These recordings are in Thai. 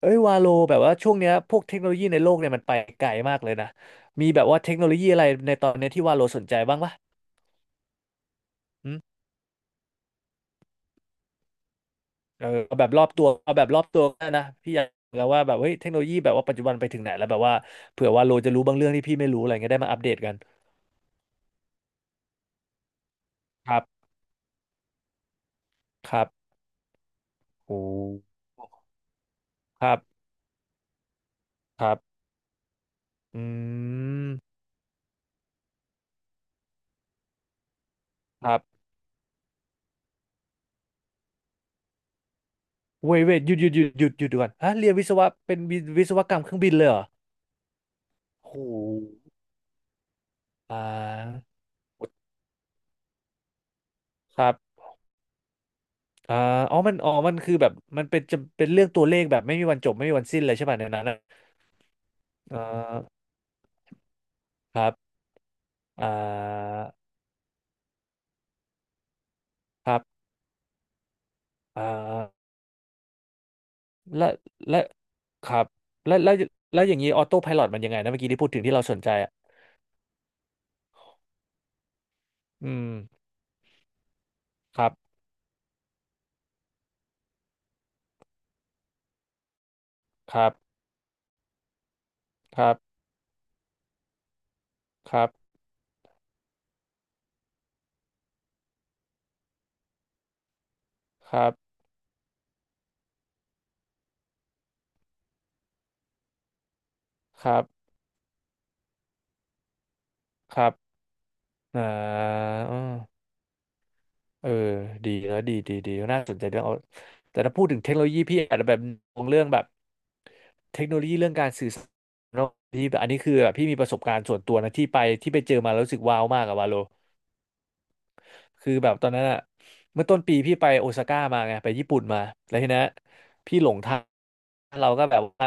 เอ้ยวาโลแบบว่าช่วงเนี้ยพวกเทคโนโลยีในโลกเนี่ยมันไปไกลมากเลยนะมีแบบว่าเทคโนโลยีอะไรในตอนเนี้ยที่วาโลสนใจบ้างปะอืมเออเอาแบบรอบตัวเอาแบบรอบตัวก็ได้นะพี่อยากรู้แล้วว่าแบบเฮ้ยเทคโนโลยีแบบว่าปัจจุบันไปถึงไหนแล้วแบบว่าเผื่อวาโลจะรู้บางเรื่องที่พี่ไม่รู้อะไรเงี้ยได้มาอัปเดตกันครับครับโอ้ครับครับอืมครับเว้ยเว้ยหยุดหยุดหยุดหยุดหยุดก่อนฮะเรียนวิศวะเป็นวิศวกรรมเครื่องบินเลยเหรอโอ้โหอ่าครับ อ่าอ๋อมันคือแบบมันเป็นจะเป็นเรื่องตัวเลขแบบไม่มีวันจบไม่มีวันสิ้นเลยใช่ป่ะในนั้นอะอ่าครับอ่าครับอ่าและและครับแล้วแล้วแล้วอย่างนี้ออโต้ไพลอตมันยังไงนะเมื่อกี้ที่พูดถึงที่เราสนใจอ่ะอืมครับครับครับครับครับครับครับอ่า เออดีแล้วดีดีดีน่าสนใจเรื่องเอาแต่ถ้าพูดถึงเทคโนโลยีพี่อาจจะแบบมองเรื่องแบบเทคโนโลยีเรื่องการสื่อสารเนอะพี่แบบอันนี้คือแบบพี่มีประสบการณ์ส่วนตัวนะที่ไปที่ไปเจอมาแล้วรู้สึกว้าวมากอะวาโลคือแบบตอนนั้นอะเมื่อต้นปีพี่ไปโอซาก้ามาไงไปญี่ปุ่นมาแล้วทีนั้นพี่หลงทาง เราก็แบบว่า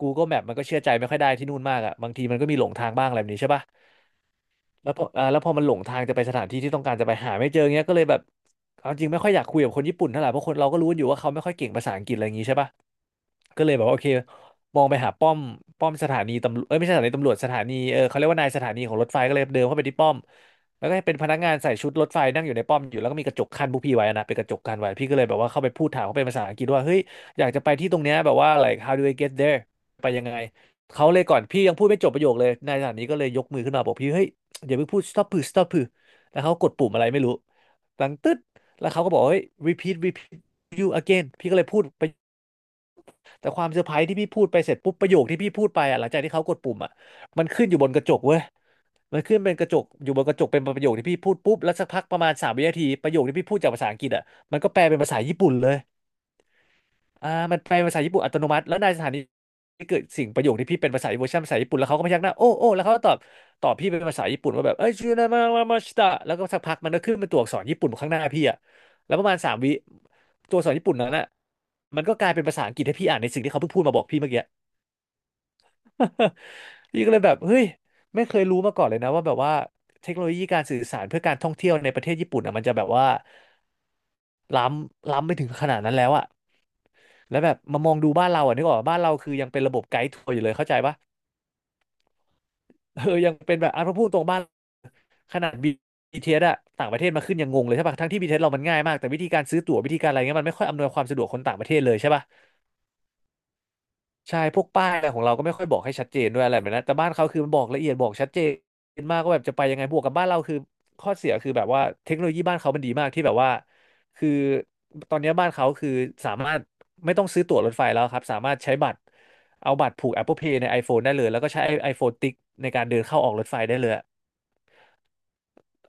Google Map มันก็เชื่อใจไม่ค่อยได้ที่นู่นมากอ่ะบางทีมันก็มีหลงทางบ้างอะไรแบบนี้ใช่ป่ะแล้วพออ่าแล้วพอมันหลงทางจะไปสถานที่ที่ต้องการจะไปหาไม่เจอเงี้ยก็เลยแบบเอาจริงไม่ค่อยอยากคุยกับคนญี่ปุ่นเท่าไหร่เพราะคนเราก็รู้อยู่ว่าเขาไม่ค่อยเก่งภาษาอังกฤษอะไรอย่างงี้ใช่ปะ ก็เลยแบบว่าโอเคมองไปหาป้อมป้อมสถานีตำรวจเอ้ยไม่ใช่สถานีตำรวจสถานีเออเขาเรียกว่านายสถานีของรถไฟก็เลยเดินเข้าไปที่ป้อมแล้วก็เป็นพนักงานใส่ชุดรถไฟนั่งอยู่ในป้อมอยู่แล้วก็มีกระจกกั้นพวกพี่ไว้นะเป็นกระจกกั้นไว้พี่ก็เลยแบบว่าเข้าไปพูดถามเขาเป็นภาษาอังกฤษว่าเฮ้ยอยากจะไปที่ตรงเนี้ยแบบว่า like how do I get there ไปยังไงเขาเลยก่อนพี่ยังพูดไม่จบประโยคเลยนายสถานีก็เลยยกมือขึ้นมาบอกพี่เฮ้ยอย่าเพิ่งพูด stop พือแล้วเขากดปุ่มอะไรไม่รู้ดังตึ๊ดแล้วเขาก็บอกเฮ้ย repeat you again พี่ก็เลยพูด แต่ความเซอร์ไพรส์ที่พี่พูดไปเสร็จปุ๊บประโยคที่พี่พูดไปอ่ะหลังจากที่เขากดปุ่มอ่ะมันขึ้นอยู่บนกระจกเว้ยมันขึ้นเป็นกระจกอยู่บนกระจกเป็นประโยคที่พี่พูดปุ๊บแล้วสักพักประมาณสามวินาทีประโยคที่พี่พูดจากภาษาอังกฤษอ่ะมันก็แปลเป็นภาษาญี่ปุ่นเลยอ่ามันแปลเป็นภาษาญี่ปุ่นอัตโนมัติแล้วในสถานีที่เกิดสิ่งประโยคที่พี่เป็นภาษาเวอร์ชันภาษาญี่ปุ่นแล้วเขาก็พยักหน้าโอ้โอ้แล้วเขาก็ตอบตอบพี่เป็นภาษาญี่ปุ่นว่าแบบเอ้ยชูนามามามาชิตะแล้วก็สักพักมันก็ขึ้นเป็นตัวอักษรญี่ปุ่นข้างหน้าพี่อ่ะแล้วประมาณสามวิตัวอักษรญี่ปุ่นนั้นอ่ะมันก็กลายเป็นภาษาอังกฤษให้พี่อ่านในสิ่งที่เขาเพิ่งพูดมาบอกพี่เมื่อกี้ พี่ก็เลยแบบเฮ้ยไม่เคยรู้มาก่อนเลยนะว่าแบบว่าเทคโนโลยีการสื่อสารเพื่อการท่องเที่ยวในประเทศญี่ปุ่นอ่ะมันจะแบบว่าล้ำล้ำไปถึงขนาดนั้นแล้วอะแล้วแบบมามองดูบ้านเราอะนึกออกปะบ้านเราคือยังเป็นระบบไกด์ทัวร์อยู่เลยเข้าใจปะ เออยังเป็นแบบอ่ะพอพูดตรงบ้านขนาด BTS อสอะต่างประเทศมาขึ้นยังงงเลยใช่ปะทั้งที่บีทีเ t สเรามันง่ายมากแต่วิธีการซื้อตั๋ววิธีการอะไรเงี้ยมันไม่ค่อยอำนวยความสะดวกคนต่างประเทศเลยใช่ปะ ใช่พวกป้ายอะไรของเราก็ไม่ค่อยบอกให้ชัดเจนด้วยอะไรแบบนั้นแต่บ้านเขาคือมันบอกละเอียดบอกชัดเจนมากก็แบบจะไปยังไงบวกกับบ้านเราคือข้อเสียคือแบบว่าเทคโนโลยีบ้านเขามันดีมากที่แบบว่าคือตอนนี้บ้านเขาคือสามารถไม่ต้องซื้อตั๋วรถไฟแล้วครับสามารถใช้บัตรเอาบัตรผูก Apple Pay ใน iPhone ได้เลยแล้วก็ใช้ iPhone ติ๊กในการเดินเข้าออกรถไฟได้เลยอะ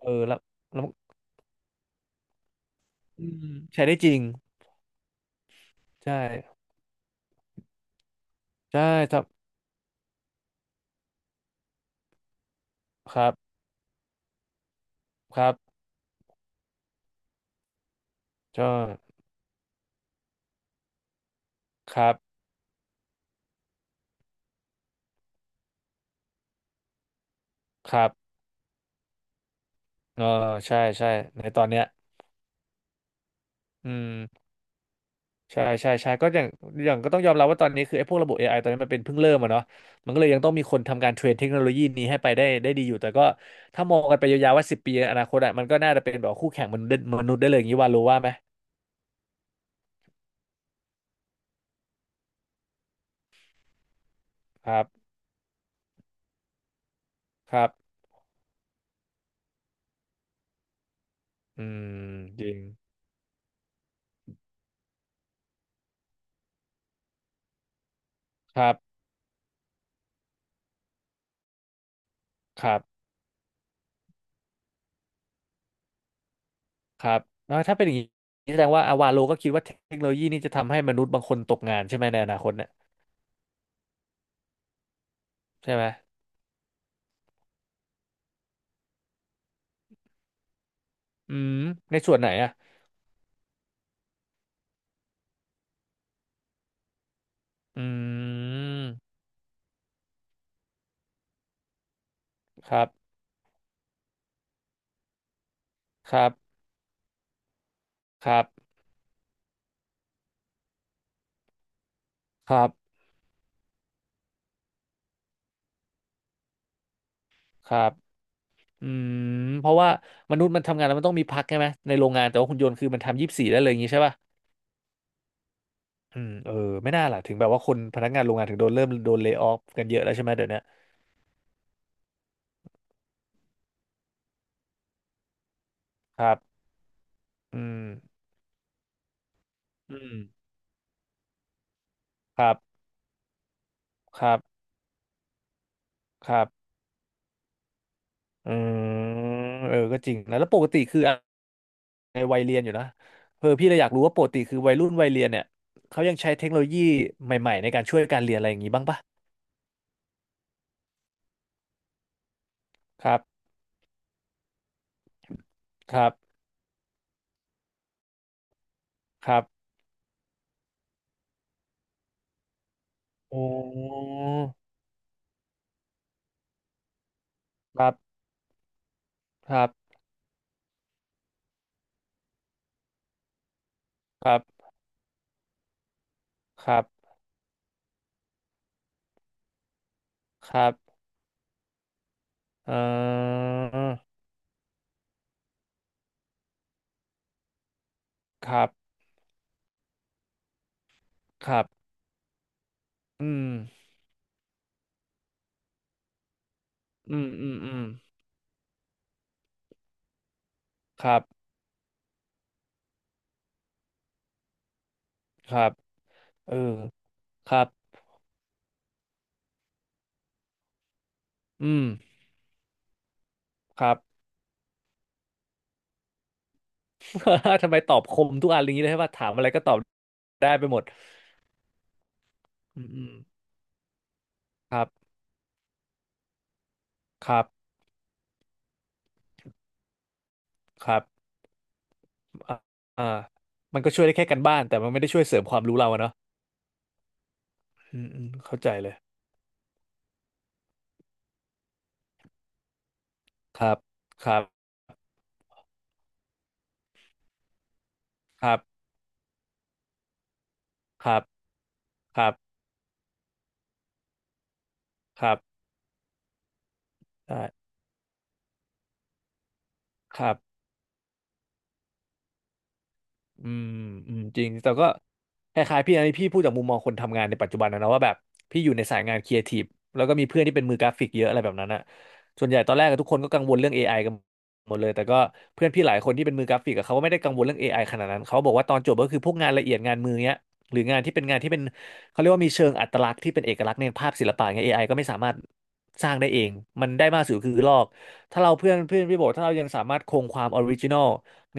เออแล้วอืมใช้ได้จริงใช่ใช่ครับครับครับใช่ครับครับเออใช่ใช่ในตอนเนี้ยอืม ใช่ใช่ใช่ก็อย่างอย่างก็ต้องยอมรับว่าตอนนี้คือไอ้พวกระบบ AI ตอนนี้มันเป็นเพิ่งเริ่มอะเนาะมันก็เลยยังต้องมีคนทำการเทรนเทคโนโลยีนี้ให้ไปได้ดีอยู่แต่ก็ถ้ามองกันไปยาวๆว่า10 ปีในอนาคตอะมันก็น่าจะเป็นแบบคู่แข่งมนุษย์ได้เลยอย่างนี้ว่ารู้ว่าไหมครับครับอืมจริงครับครับครับแล้วถ้าเป็นอย่างนี้แสดงว่าอาวาโลก็คิดว่าเทคโนโลยีนี้จะทำให้มนุษย์บางคนตกงานใช่ไหมในอนาคตเนี่ยใช่ไหมอืมในส่วนไหนอะอืมครับครับครับครับครับ อืมเพราะว่ามนุษย์มันทำงานแล้วมันต้องมีพักใช่ไหมในโรงงานแต่ว่าหุ่นยนต์คือมันทำ24ได้เลยอย่างนี้ใช่ป่ะอืมเออไม่น่าล่ะถึงแบบว่าคนพนักงานโรงงานถึงโดนเล y o ออฟกันเยอะแล้วใช่ไหมเดี๋ยวเนี้ยครับอืมอืมครับครับครับอืมเออก็จริงนะแล้วปกติคืออะในวัยเรียนอยู่นะเออพี่เลยอยากรู้ว่าปกติคือวัยรุ่นวัยเรียนเนี่ยเขายังใช้เทคโนโลยีใหม่ๆในการช่วยการเรียนอะไรอย่างนี้บ้างปะครับครับครับโอ้ครับครับครับครับ ครับเอ่อครับครับอืมอืมอืมอืมครับครับเออครับอืมครับ ทำไมตอบคมทุกอันอย่างนี้เลยใช่ป่ะถามอะไรก็ตอบได้ไปหมดอืมอืมครับครับครับอ่าอ่ามันก็ช่วยได้แค่การบ้านแต่มันไม่ได้ช่วยเสริมความรู้เราอะเนาะอืมอืมเข้าใจเลยครับครับครับครับครับครับได้ครับ อืมอืมจริงแต่ก็คล้ายๆพี่อันนี้พี่พูดจากมุมมองคนทำงานในปัจจุบันนะว่าแบบพี่อยู่ในสายงานครีเอทีฟแล้วก็มีเพื่อนที่เป็นมือกราฟิกเยอะอะไรแบบนั้นอะส่วนใหญ่ตอนแรกอะทุกคนก็กังวลเรื่อง AI กันหมดเลยแต่ก็เพื่อนพี่หลายคนที่เป็นมือกราฟิกอะเขาก็ไม่ได้กังวลเรื่อง AI ขนาดนั้นเขาบอกว่าตอนจบก็คือพวกงานละเอียดงานมือเนี้ยหรืองานที่เป็นงานที่เป็นเขาเรียกว่ามีเชิงอัตลักษณ์ที่เป็นเอกลักษณ์ในภาพศิลปะเงี้ยเอไอก็ไม่สามารถสร้างได้เองมันได้มากสุดคือลอกถ้าเราเพื่อนเพื่อนพี่บอกว่าถ้าเรายังสามารถคงความออริจินอล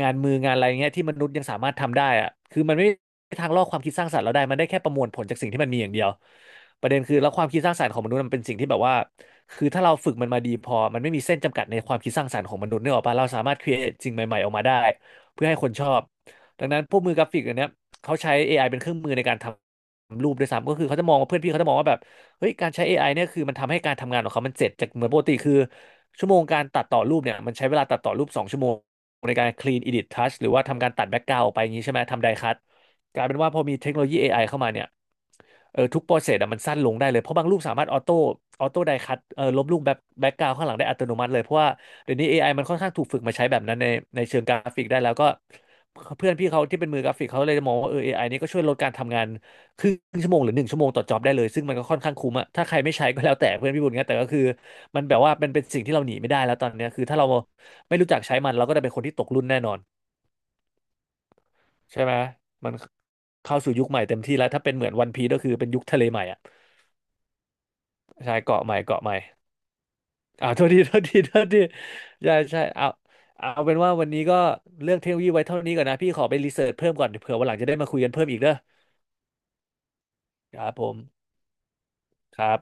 งานมืองานอะไรเงี้ยที่มนุษย์ยังสามารถทำได้อะคือมันไม่มีทางลอกความคิดสร้างสรรค์เราได้มันได้แค่ประมวลผลจากสิ่งที่มันมีอย่างเดียวประเด็นคือแล้วความคิดสร้างสรรค์ของมนุษย์มันเป็นสิ่งที่แบบว่าคือถ้าเราฝึกมันมาดีพอมันไม่มีเส้นจำกัดในความคิดสร้างสรรค์ของมนุษย์เนี่ยหรอกปะเราสามารถครีเอทสิ่งใหม่ๆออกมาได้เพื่อให้คนชอบดังนั้นพวกมือกราฟิกอันเนี้ยเขาใช้ AI เป็นเครื่องมือในการทำรูปด้วยซ้ำก็คือเขาจะมองว่าเพื่อนพี่เขาจะมองว่าแบบเฮ้ยการใช้เอไ i เนี่ยคือมันทำให้การทำงานของเขามันเสร็จจากเหมือนปกติคือชั่วโมงการตัดต่อรูปเนี่ยมันใช้เวลาตัดต่อรูป2 ชั่วโมง ในการ clean edit touch หรือว่าทำการตัดแบ็กกราวด์ออกไปอย่างนี้ใช่ไหมทำไดคัทกลายเป็นว่าพอมีเทคโนโลยี AI เข้ามาเนี่ยเออทุกโปรเซสอะมันสั้นลงได้เลยเพราะบางรูปสามารถออโต้ไดคัทเออลบรูปแบ็กกราวด์ข้างหลังได้อัตโนมัติเลยเพราะว่าเดี๋ยวนี้ AI มันค่อนข้างถูกฝึกมาใช้แบบนั้นในเชิงกราฟิกได้แล้วก็เพื่อนพี่เขาที่เป็นมือกราฟิกเขาเลยมองว่าเออเอไอนี้ก็ช่วยลดการทำงาน ครึ่งชั่วโมงหรือ1 ชั่วโมงต่อจ็อบได้เลยซึ่งมันก็ค่อนข้างคุ้มอะถ้าใครไม่ใช้ก็แล้วแต่เพื่อนพี่บุญเงี้ยแต่ก็คือมันแบบว่ามันเป็นสิ่งที่เราหนีไม่ได้แล้วตอนเนี้ยคือถ้าเราไม่รู้จักใช้มันเราก็จะเป็นคนที่ตกรุ่นแน่นอนใช่ไหมมันเข้าสู่ยุคใหม่เต็มที่แล้วถ้าเป็นเหมือนวันพีก็คือเป็นยุคทะเลใหม่อะใช่เกาะใหม่อ่าโทษทีใช่ใช่เอาเอาเป็นว่าวันนี้ก็เรื่องเทคโนโลยีไว้เท่านี้ก่อนนะพี่ขอไปรีเสิร์ชเพิ่มก่อนเผื่อวันหลังจะได้มาคุยกันเพิ่มอีกเด้อครับผมครับ